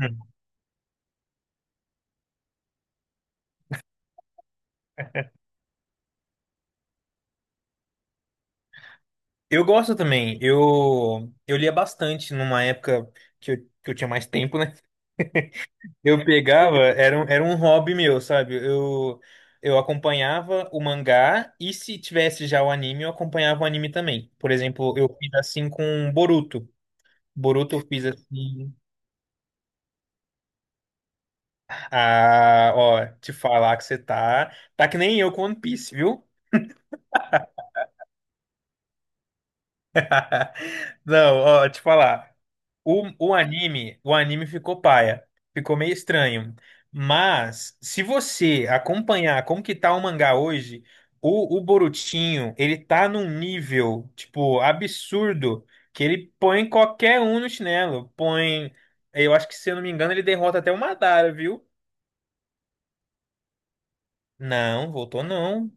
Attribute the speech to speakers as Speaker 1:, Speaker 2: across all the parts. Speaker 1: Hum. Eu gosto também. Eu lia bastante numa época que eu, que eu tinha mais tempo, né? Eu pegava, era, era um hobby meu, sabe? Eu acompanhava o mangá e se tivesse já o anime, eu acompanhava o anime também. Por exemplo, eu fiz assim com Boruto. Boruto eu fiz assim. Ah, ó, te falar que você tá. Tá que nem eu com One Piece, viu? Não, ó, te falar. O anime, o anime ficou paia. Ficou meio estranho. Mas, se você acompanhar como que tá o mangá hoje, o Borutinho, ele tá num nível, tipo, absurdo, que ele põe qualquer um no chinelo. Põe, eu acho que, se eu não me engano, ele derrota até o Madara, viu? Não, voltou não.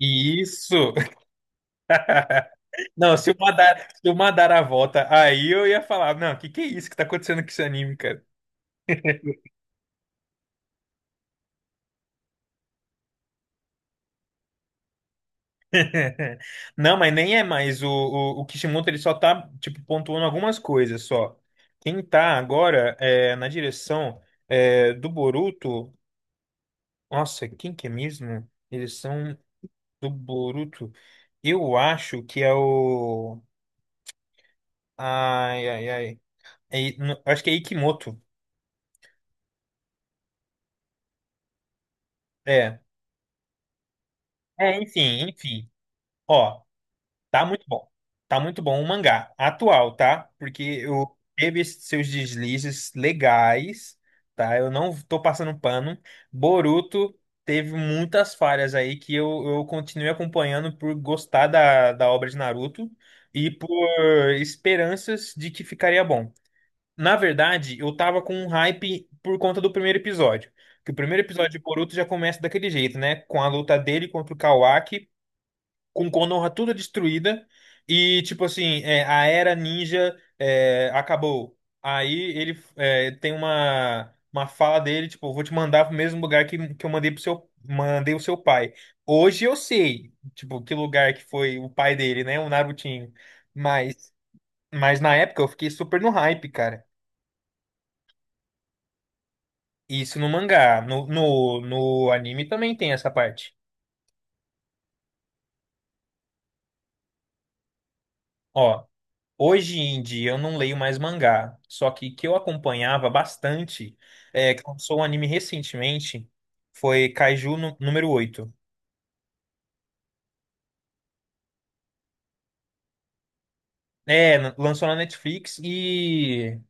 Speaker 1: Isso! Não, se o Madara volta, aí eu ia falar, não, o que que é isso que tá acontecendo com esse anime, cara? Não, mas nem é mais. O Kishimoto ele só tá, tipo, pontuando algumas coisas só. Quem tá agora é, na direção é, do Boruto. Nossa, quem que é mesmo? Direção do Boruto. Eu acho que é o. Ai, ai, ai. Não, acho que é Ikimoto. É. É, enfim, enfim. Ó. Tá muito bom. Tá muito bom o mangá atual, tá? Porque eu teve esses seus deslizes legais, tá? Eu não tô passando pano. Boruto teve muitas falhas aí que eu continuei acompanhando por gostar da obra de Naruto e por esperanças de que ficaria bom. Na verdade, eu tava com um hype por conta do primeiro episódio. Que o primeiro episódio de Boruto já começa daquele jeito, né? Com a luta dele contra o Kawaki, com Konoha tudo destruída e tipo assim é, a era ninja é, acabou. Aí ele é, tem uma fala dele tipo vou te mandar pro mesmo lugar que eu mandei pro seu, mandei o seu pai. Hoje eu sei tipo que lugar que foi o pai dele, né, o Narutinho. mas mas na época eu fiquei super no hype, cara. Isso no mangá, no anime também tem essa parte. Ó, hoje em dia eu não leio mais mangá, só que eu acompanhava bastante, é, que lançou um anime recentemente, foi Kaiju número 8. É, lançou na Netflix e.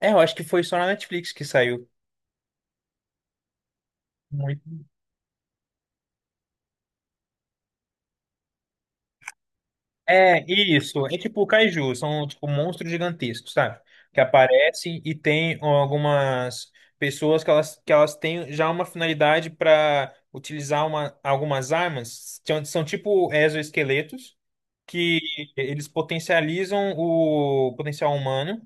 Speaker 1: É, eu acho que foi só na Netflix que saiu. Muito. É, isso. É tipo Kaiju, são tipo monstros gigantescos, sabe? Que aparecem e tem algumas pessoas que elas têm já uma finalidade para utilizar uma, algumas armas, são, são tipo exoesqueletos. Que eles potencializam o potencial humano,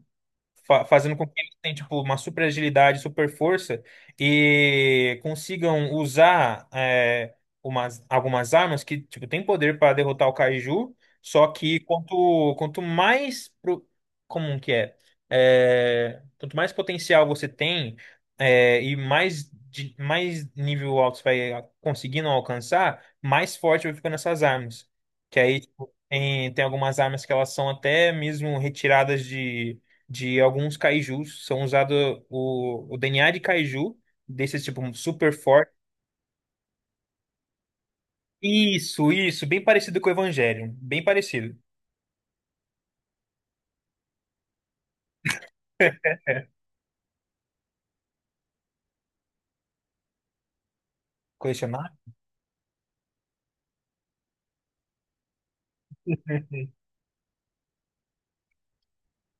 Speaker 1: fazendo com que eles tenham tipo, uma super agilidade, super força e consigam usar é, umas, algumas armas que tipo, têm poder para derrotar o Kaiju, só quanto mais pro, como que é? É, quanto mais potencial você tem é, e mais, mais nível alto você vai conseguindo alcançar, mais forte vai ficando essas armas. Que aí, tipo, tem algumas armas que elas são até mesmo retiradas de alguns kaijus. São usados o DNA de kaiju, desses tipo super forte. Isso, bem parecido com o Evangelion. Bem parecido. Colecionar?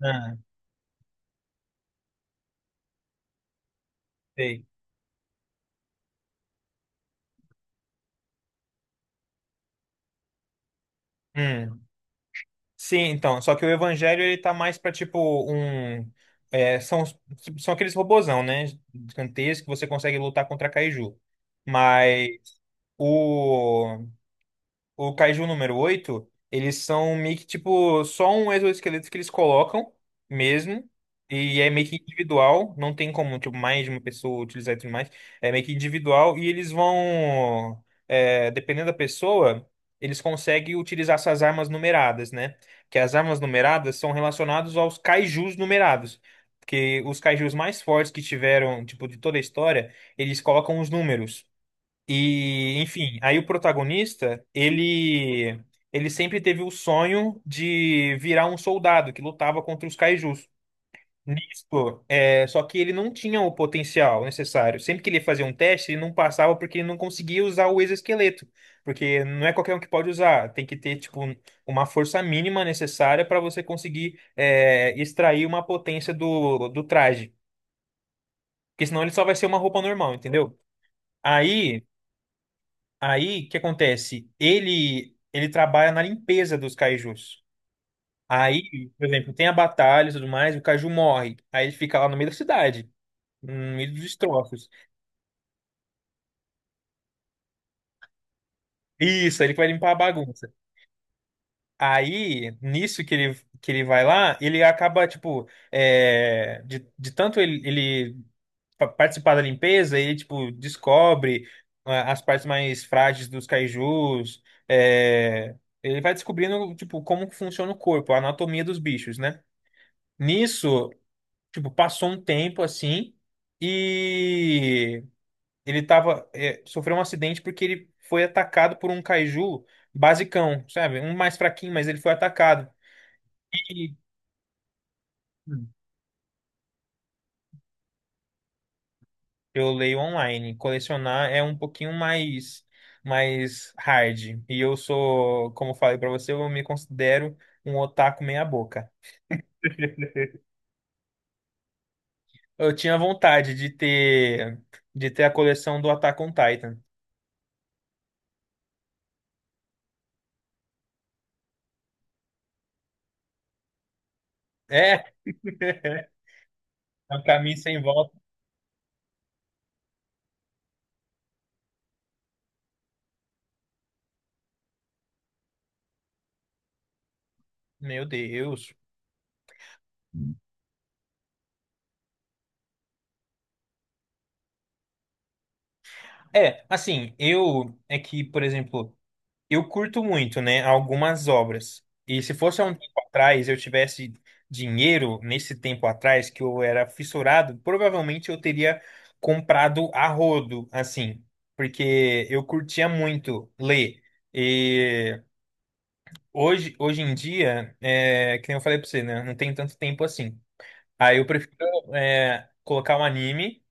Speaker 1: Ah, sei. Hum. Sim, então, só que o Evangelho ele tá mais pra tipo um. É, são, são aqueles robozão, né? Gigantescos que você consegue lutar contra Kaiju. Mas o. o Kaiju número 8 eles são meio que tipo só um exoesqueleto que eles colocam mesmo. E é meio que individual, não tem como tipo, mais de uma pessoa utilizar e tudo mais. É meio que individual e eles vão, é, dependendo da pessoa, eles conseguem utilizar essas armas numeradas, né? Que as armas numeradas são relacionadas aos kaijus numerados. Porque os kaijus mais fortes que tiveram, tipo, de toda a história, eles colocam os números. E, enfim, aí o protagonista, ele sempre teve o sonho de virar um soldado que lutava contra os kaijus. Nisso, é, só que ele não tinha o potencial necessário. Sempre que ele fazia um teste, ele não passava porque ele não conseguia usar o exoesqueleto, porque não é qualquer um que pode usar. Tem que ter tipo uma força mínima necessária para você conseguir é, extrair uma potência do traje, porque senão ele só vai ser uma roupa normal, entendeu? Aí. Aí, o que acontece? Ele trabalha na limpeza dos cajus. Aí, por exemplo, tem a batalha e tudo mais, o caju morre. Aí ele fica lá no meio da cidade, no meio dos destroços. Isso, aí ele vai limpar a bagunça. Aí, nisso que ele vai lá, ele acaba, tipo, é, de tanto ele, ele participar da limpeza, ele, tipo, descobre, ah, as partes mais frágeis dos kaijus, é, ele vai descobrindo, tipo, como que funciona o corpo, a anatomia dos bichos, né? Nisso, tipo, passou um tempo, assim, e ele tava, é, sofreu um acidente porque ele foi atacado por um kaiju basicão, sabe? Um mais fraquinho, mas ele foi atacado. Eu leio online. Colecionar é um pouquinho mais hard. E eu sou, como eu falei pra você, eu me considero um otaku meia boca. Eu tinha vontade de ter a coleção do Attack on Titan. É, é um caminho sem volta. Meu Deus. É, assim, eu é que, por exemplo, eu curto muito, né, algumas obras. E se fosse há um tempo atrás, eu tivesse dinheiro nesse tempo atrás que eu era fissurado, provavelmente eu teria comprado a rodo, assim, porque eu curtia muito ler. E hoje, hoje em dia, é, que nem eu falei pra você, né, não tem tanto tempo assim. Aí eu prefiro é, colocar um anime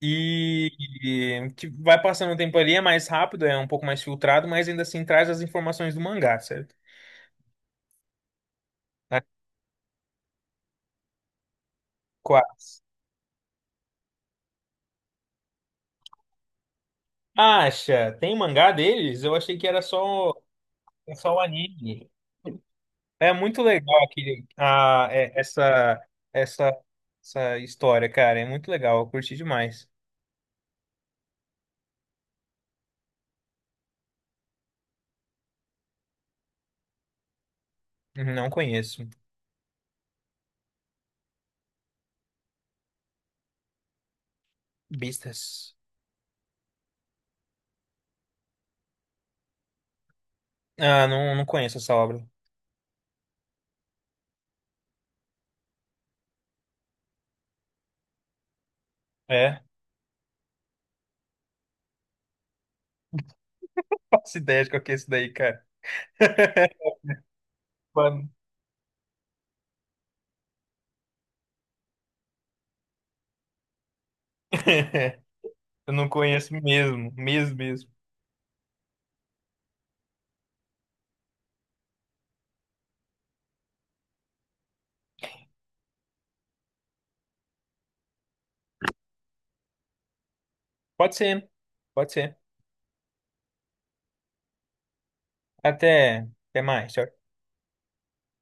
Speaker 1: e que vai passando o tempo ali, é mais rápido, é um pouco mais filtrado, mas ainda assim traz as informações do mangá, certo? Na quase. Acha? Tem mangá deles? Eu achei que era só, é só o anime. É muito legal aquele, ah, essa, essa história, cara. É muito legal. Eu curti demais. Não conheço. Beastars. Ah, não, não conheço essa obra. É? Faço ideia de qual que é isso daí, cara. Mano. Eu não conheço mesmo. Mesmo, mesmo. Pode ser. Pode ser. Até, até mais. Tchau.